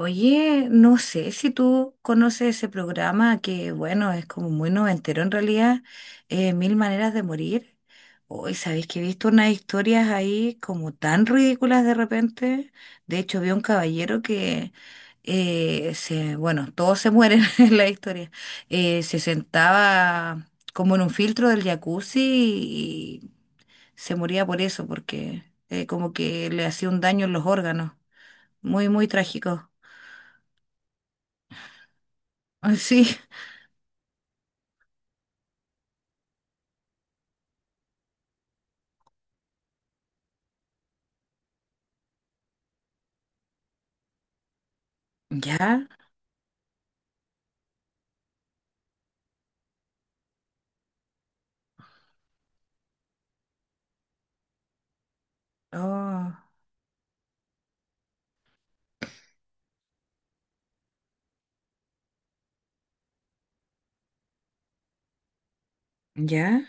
Oye, no sé si tú conoces ese programa que, bueno, es como muy noventero en realidad, Mil Maneras de Morir. Hoy, ¿sabéis que he visto unas historias ahí como tan ridículas de repente? De hecho, vi un caballero que, bueno, todos se mueren en la historia. Se sentaba como en un filtro del jacuzzi y se moría por eso, porque como que le hacía un daño en los órganos. Muy, muy trágico. Sí. ¿Ya? Oh, ¿ya?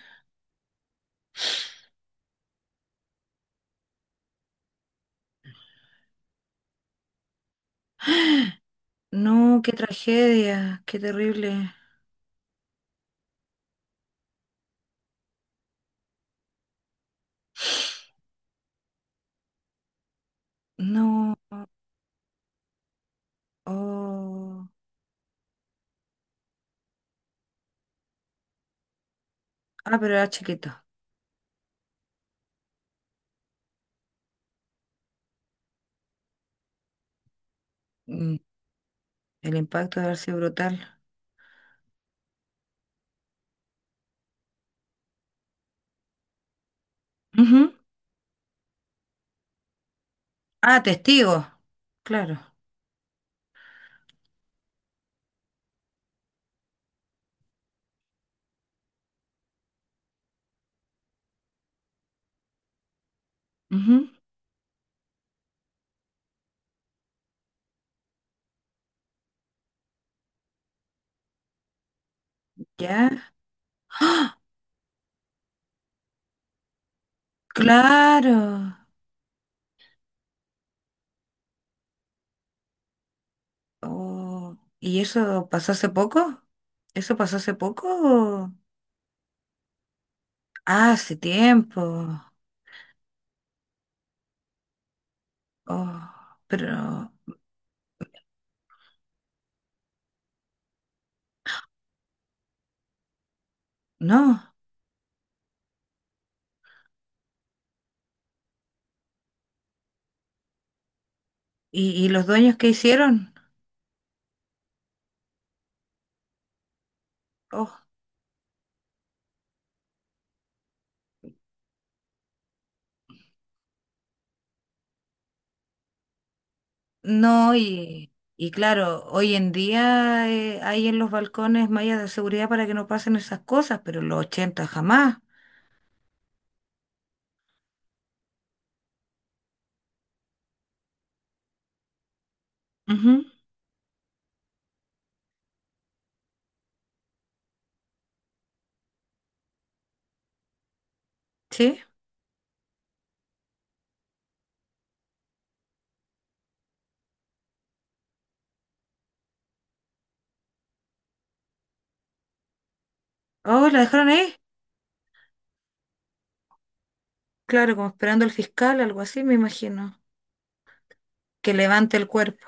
No, qué tragedia, qué terrible. No, oh. Ah, pero era chiquito. Mm. El impacto de haber sido brutal. Ujú. Ah, testigo. Claro. Ujú. ¿Ya? Claro. Oh. ¿Y eso pasó hace poco? ¿Eso pasó hace poco? o- Ah, hace tiempo. Oh, pero no. Y los dueños qué hicieron? Oh. No, y claro, hoy en día hay en los balcones mallas de seguridad para que no pasen esas cosas, pero en los 80 jamás. Ujú. ¿Sí? Oh, ¿la dejaron ahí? Claro, como esperando al fiscal, algo así, me imagino, que levante el cuerpo.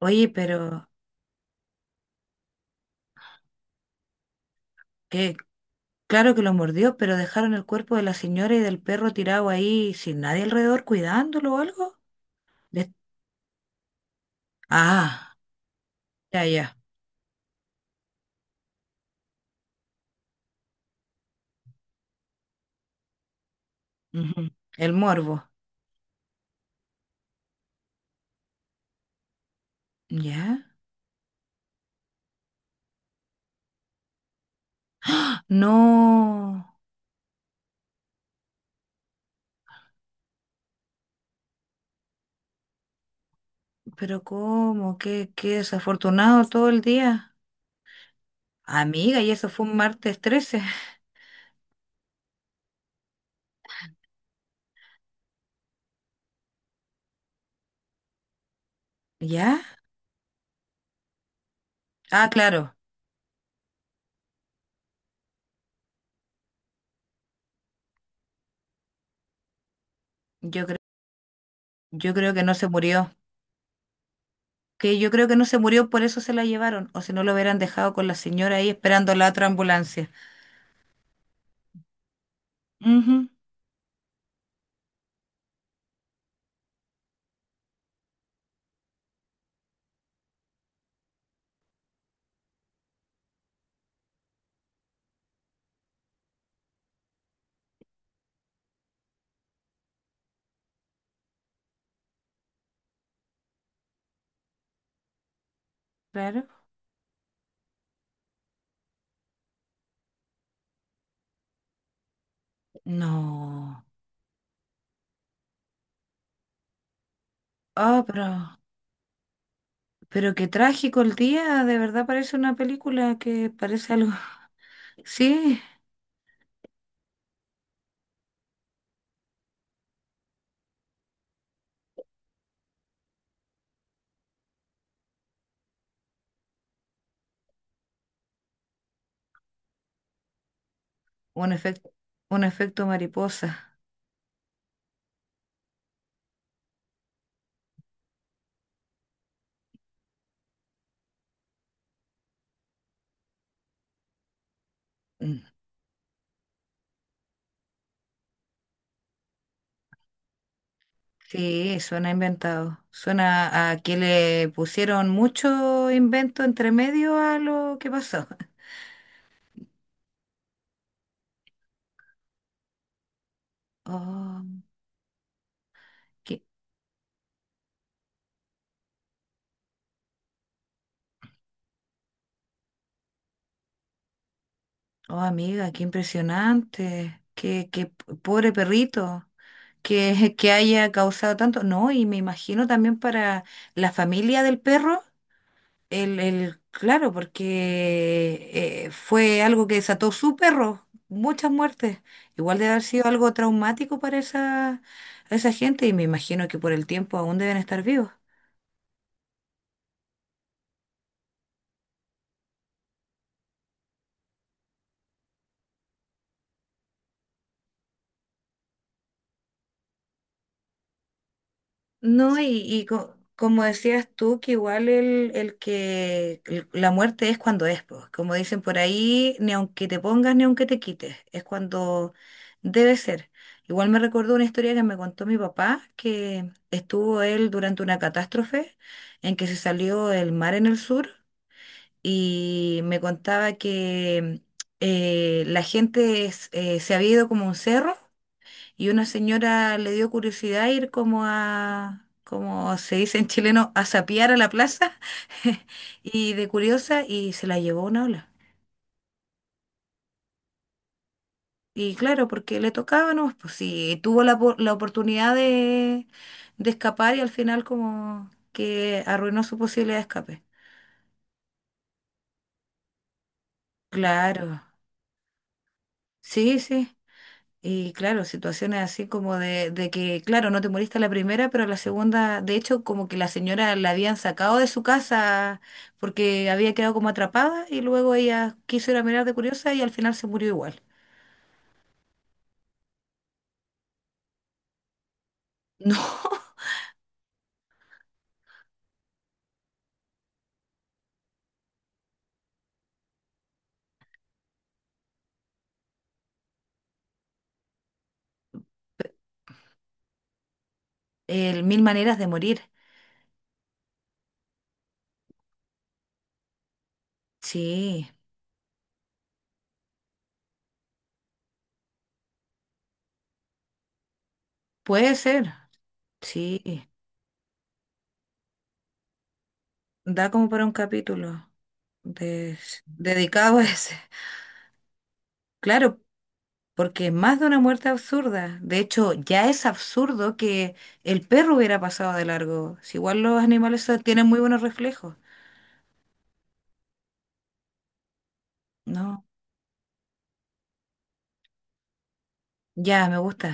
Oye, pero que claro que lo mordió, pero dejaron el cuerpo de la señora y del perro tirado ahí sin nadie alrededor cuidándolo o algo. De- Ah, ya, ya. Ujú. El morbo. ¿Ya? No. Pero cómo, qué desafortunado todo el día. Amiga, y eso fue un martes trece. ¿Ya? Ah, claro. Yo creo, yo creo que no se murió. Que yo creo que no se murió, por eso se la llevaron. O si no lo hubieran dejado con la señora ahí esperando la otra ambulancia. Ujú, claro. No. Ah, pero qué trágico el día. De verdad parece una película que parece algo. Sí, un efecto, un efecto mariposa. Mm. Sí, suena inventado. Suena a que le pusieron mucho invento entre medio a lo que pasó. Oh, qué- oh, amiga, qué impresionante. Pobre perrito que que haya causado tanto. No, y me imagino también para la familia del perro. Claro, porque fue algo que desató su perro, muchas muertes. Igual debe haber sido algo traumático para esa gente y me imagino que por el tiempo aún deben estar vivos. No, como decías tú, que igual la muerte es cuando es, pues. Como dicen por ahí, ni aunque te pongas ni aunque te quites, es cuando debe ser. Igual me recordó una historia que me contó mi papá, que estuvo él durante una catástrofe en que se salió el mar en el sur y me contaba que se había ido como a un cerro y una señora le dio curiosidad ir como a, como se dice en chileno, a sapear a la plaza, y de curiosa, y se la llevó una ola. Y claro, porque le tocaba, ¿no? Pues sí, tuvo la oportunidad de escapar y al final como que arruinó su posibilidad de escape. Claro, sí, sí. Y claro, situaciones así como de que, claro, no te moriste a la primera, pero a la segunda, de hecho, como que la señora la habían sacado de su casa porque había quedado como atrapada y luego ella quiso ir a mirar de curiosa y al final se murió igual. No, el mil maneras de morir. Sí, puede ser, sí. Da como para un capítulo de- dedicado a ese. Claro. Porque es más de una muerte absurda. De hecho, ya es absurdo que el perro hubiera pasado de largo. Si igual los animales tienen muy buenos reflejos. No, ya me gusta.